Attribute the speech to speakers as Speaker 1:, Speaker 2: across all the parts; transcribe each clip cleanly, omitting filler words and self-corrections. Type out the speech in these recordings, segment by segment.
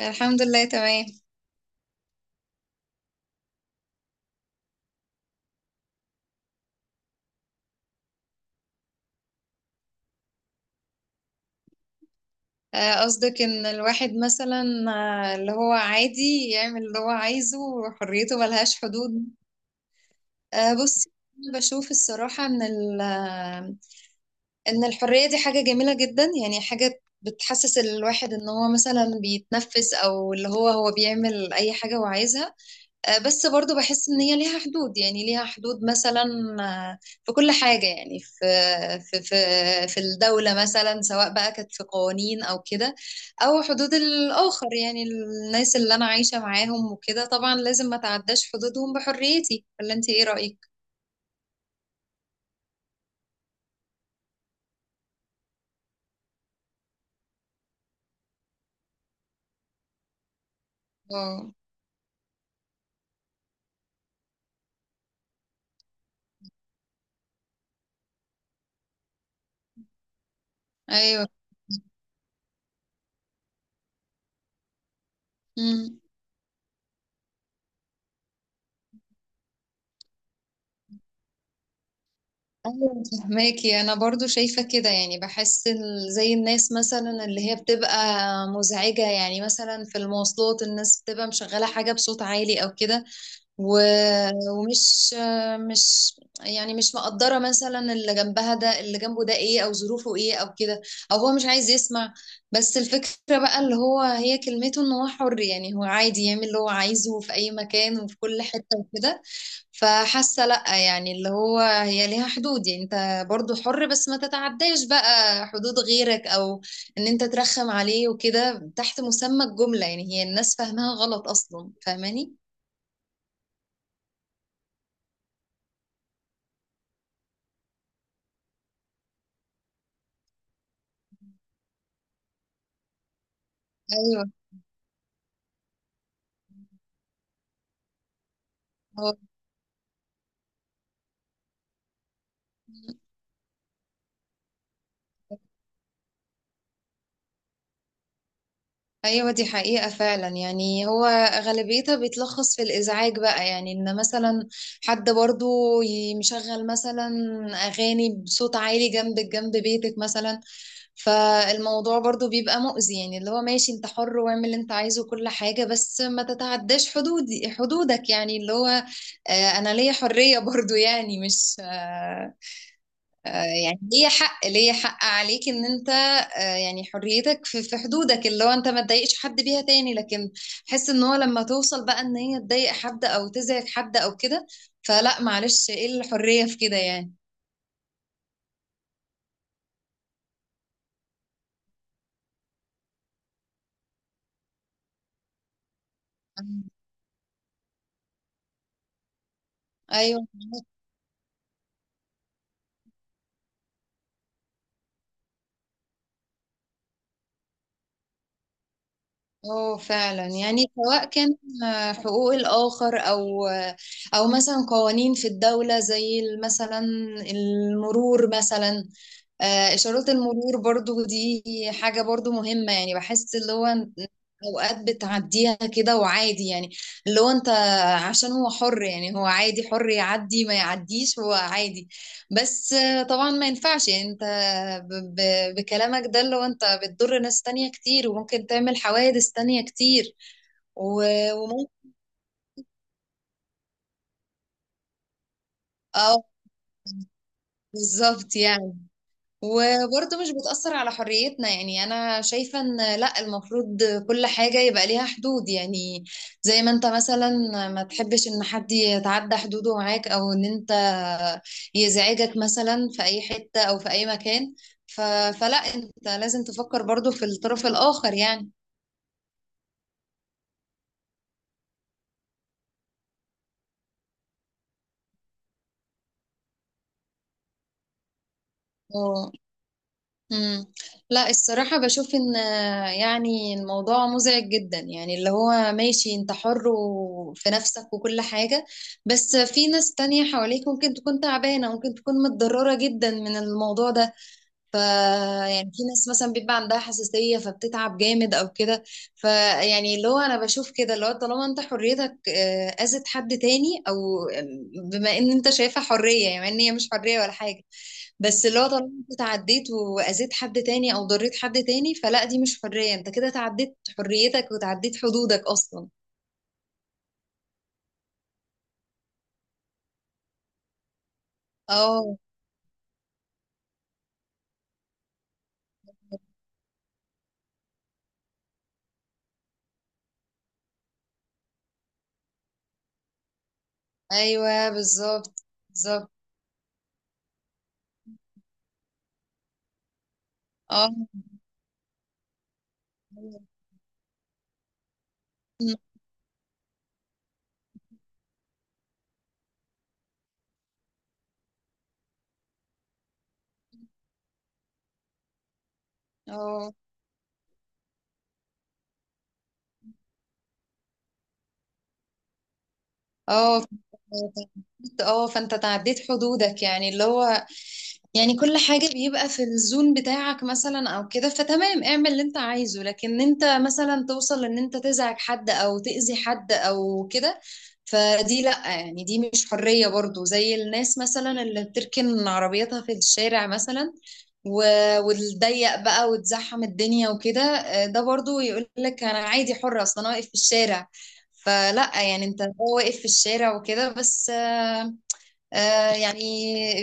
Speaker 1: الحمد لله تمام. قصدك ان الواحد مثلا اللي هو عادي يعمل اللي هو عايزه وحريته ملهاش حدود. بصي، أنا بشوف الصراحة ان ان الحرية دي حاجة جميلة جدا، يعني حاجة بتحسس الواحد ان هو مثلا بيتنفس او اللي هو هو بيعمل اي حاجة هو عايزها. بس برضو بحس ان هي ليها حدود، يعني ليها حدود مثلا آه، في كل حاجة، يعني في في في الدولة مثلا، سواء بقى كانت في قوانين او كده، او حدود الآخر، يعني الناس اللي انا عايشة معاهم وكده طبعا لازم ما تعداش حدودهم بحريتي. ولا انت ايه رأيك؟ اه. ايوه. مم. ايوه، فهماكي، انا برضو شايفه كده، يعني بحس زي الناس مثلا اللي هي بتبقى مزعجه، يعني مثلا في المواصلات الناس بتبقى مشغله حاجه بصوت عالي او كده. و... ومش مش يعني مش مقدرة مثلا اللي جنبها ده اللي جنبه ده ايه او ظروفه ايه او كده، او هو مش عايز يسمع. بس الفكرة بقى اللي هو هي كلمته ان هو حر، يعني هو عادي يعمل اللي هو عايزه في اي مكان وفي كل حتة وكده. فحاسة لأ، يعني اللي هو هي ليها حدود، يعني انت برضو حر بس ما تتعداش بقى حدود غيرك، او ان انت ترخم عليه وكده تحت مسمى الجملة. يعني هي الناس فاهمها غلط اصلا. فاهماني؟ ايوه. هو ايوه، دي حقيقة فعلا، يعني هو غالبيتها بيتلخص في الازعاج بقى، يعني ان مثلا حد برضو مشغل مثلا اغاني بصوت عالي جنب جنب بيتك مثلا، فالموضوع برضو بيبقى مؤذي. يعني اللي هو ماشي، انت حر واعمل اللي انت عايزه وكل حاجة، بس ما تتعداش حدودك، يعني اللي هو انا ليا حرية برضو، يعني مش يعني ليه حق عليك ان انت يعني حريتك في حدودك، اللي هو انت ما تضايقش حد بيها تاني. لكن حس ان هو لما توصل بقى ان هي تضايق حد او تزعج حد او كده، فلا معلش، ايه الحرية في كده يعني. مم. ايوه. اه فعلا، يعني سواء كان حقوق الاخر او او مثلا قوانين في الدولة زي مثلا المرور مثلا. إشارات المرور برضو دي حاجة برضو مهمة، يعني بحس اللي هو أوقات بتعديها كده وعادي، يعني اللي هو أنت عشان هو حر، يعني هو عادي حر يعدي ما يعديش هو عادي. بس طبعا ما ينفعش، يعني أنت بكلامك ده اللي هو أنت بتضر ناس تانية كتير وممكن تعمل حوادث تانية كتير. وممكن اه. بالظبط، يعني وبرضه مش بتأثر على حريتنا، يعني أنا شايفة إن لأ، المفروض كل حاجة يبقى ليها حدود، يعني زي ما أنت مثلا ما تحبش إن حد يتعدى حدوده معاك أو إن أنت يزعجك مثلا في أي حتة أو في أي مكان. ف... فلأ، أنت لازم تفكر برضه في الطرف الآخر يعني. مم. لا الصراحة بشوف ان يعني الموضوع مزعج جدا، يعني اللي هو ماشي انت حر في نفسك وكل حاجة، بس في ناس تانية حواليك ممكن تكون تعبانة، ممكن تكون متضررة جدا من الموضوع ده. ف يعني في ناس مثلا بيبقى عندها حساسية فبتتعب جامد او كده. فيعني اللي هو انا بشوف كده، اللي هو طالما انت حريتك اذت حد تاني او آه، بما ان انت شايفها حرية، يعني ان هي مش حرية ولا حاجة. بس اللي هو طالما انت تعديت واذيت حد تاني او ضريت حد تاني، فلا دي مش حرية، انت كده تعديت حريتك وتعديت حدودك اصلا. اه. ايوه. بالظبط. بالظبط. اه. اه. اه. اه. فانت تعديت حدودك، يعني اللي هو يعني كل حاجة بيبقى في الزون بتاعك مثلا او كده، فتمام اعمل اللي انت عايزه، لكن انت مثلا توصل ان انت تزعج حد او تأذي حد او كده، فدي لأ، يعني دي مش حرية برضو. زي الناس مثلا اللي بتركن عربيتها في الشارع مثلا وتضيق بقى وتزحم الدنيا وكده. ده برضو يقول لك انا عادي، حرة اصلا انا واقف في الشارع. فلا، يعني انت هو واقف في الشارع وكده، بس يعني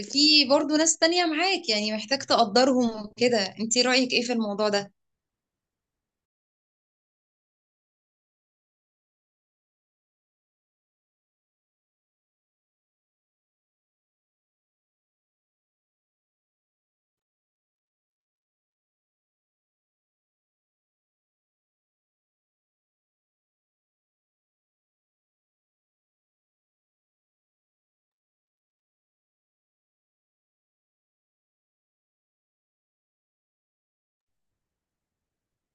Speaker 1: في برضو ناس تانية معاك، يعني محتاج تقدرهم وكده. انتي رأيك ايه في الموضوع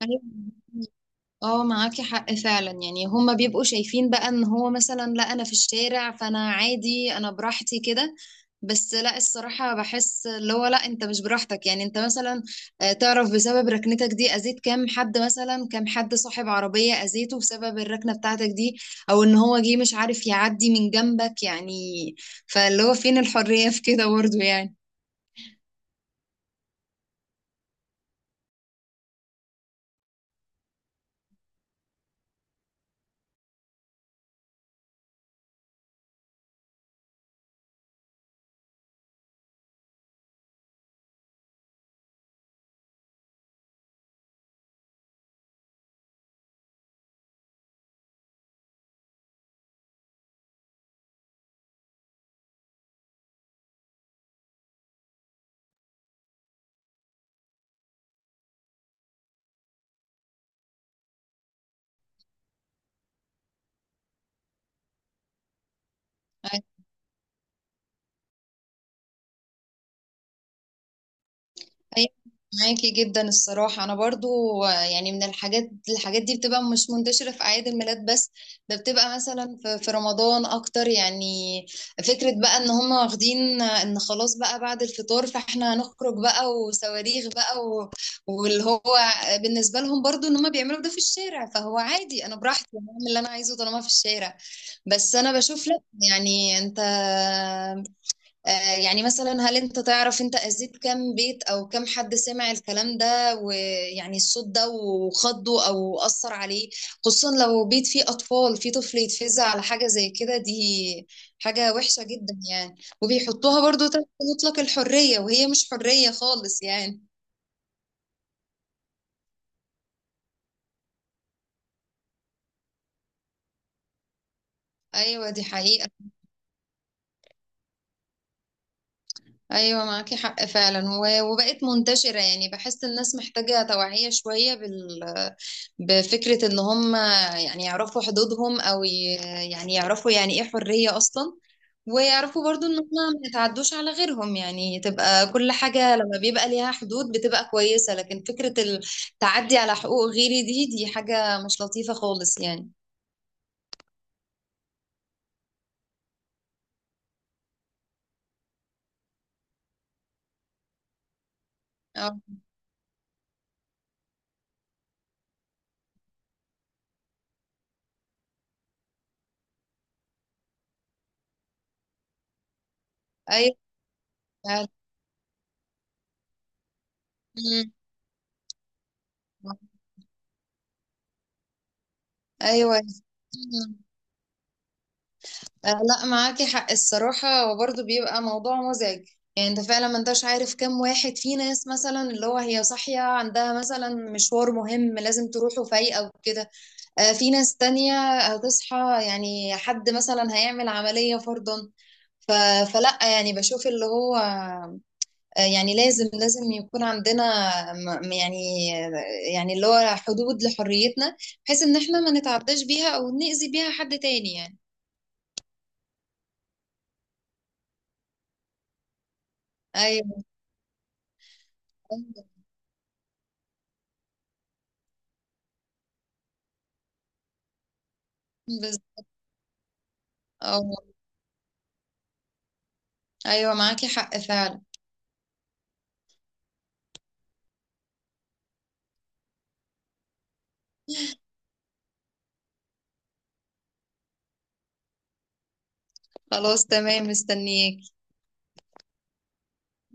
Speaker 1: ده؟ اه، معاكي حق فعلا، يعني هما بيبقوا شايفين بقى ان هو مثلا لا انا في الشارع فانا عادي، انا براحتي كده. بس لا الصراحة بحس اللي هو لا، انت مش براحتك، يعني انت مثلا تعرف بسبب ركنتك دي اذيت كام حد، مثلا كام حد صاحب عربية اذيته بسبب الركنة بتاعتك دي، او ان هو جه مش عارف يعدي من جنبك يعني. فاللي هو فين الحرية في كده برضه يعني. أيوة، معاكي جدا الصراحة، أنا برضو يعني من الحاجات دي بتبقى مش منتشرة في أعياد الميلاد بس، ده بتبقى مثلا في رمضان أكتر، يعني فكرة بقى إن هم واخدين إن خلاص بقى بعد الفطار فإحنا هنخرج بقى وصواريخ بقى واللي هو بالنسبة لهم برضو إن هم بيعملوا ده في الشارع فهو عادي، أنا براحتي أنا أعمل اللي أنا عايزه طالما في الشارع. بس أنا بشوف لأ، يعني أنت يعني مثلا هل انت تعرف انت اذيت كام بيت او كام حد سمع الكلام ده ويعني الصوت ده وخضه او اثر عليه؟ خصوصا لو بيت فيه اطفال، فيه طفل يتفزع على حاجة زي كده، دي حاجة وحشة جدا يعني. وبيحطوها برضو تحت مطلق الحرية، وهي مش حرية خالص يعني. ايوه دي حقيقة. ايوه معاكي حق فعلا، وبقت منتشرة. يعني بحس الناس محتاجة توعية شوية بال بفكرة إن هم يعرفوا حدودهم، أو يعرفوا يعني إيه حرية أصلا، ويعرفوا برضو إن هم ما يتعدوش على غيرهم. يعني تبقى كل حاجة لما بيبقى ليها حدود بتبقى كويسة، لكن فكرة التعدي على حقوق غيري، دي حاجة مش لطيفة خالص يعني. أه. أيوة. أمم. أيوة. لا معاكي حق الصراحة، وبرضه بيبقى موضوع مزعج، يعني انت فعلا ما انتش عارف كم واحد في ناس مثلا اللي هو هي صاحية عندها مثلا مشوار مهم لازم تروحه فايقة وكده. في ناس تانية هتصحى، يعني حد مثلا هيعمل عملية فرضا. ف... فلا، يعني بشوف اللي هو يعني لازم لازم يكون عندنا م- م- يعني يعني اللي هو حدود لحريتنا، بحيث ان احنا ما نتعداش بيها او نأذي بيها حد تاني يعني. ايوه. اه. ايوه معاكي حق فعلا. خلاص تمام، مستنياك.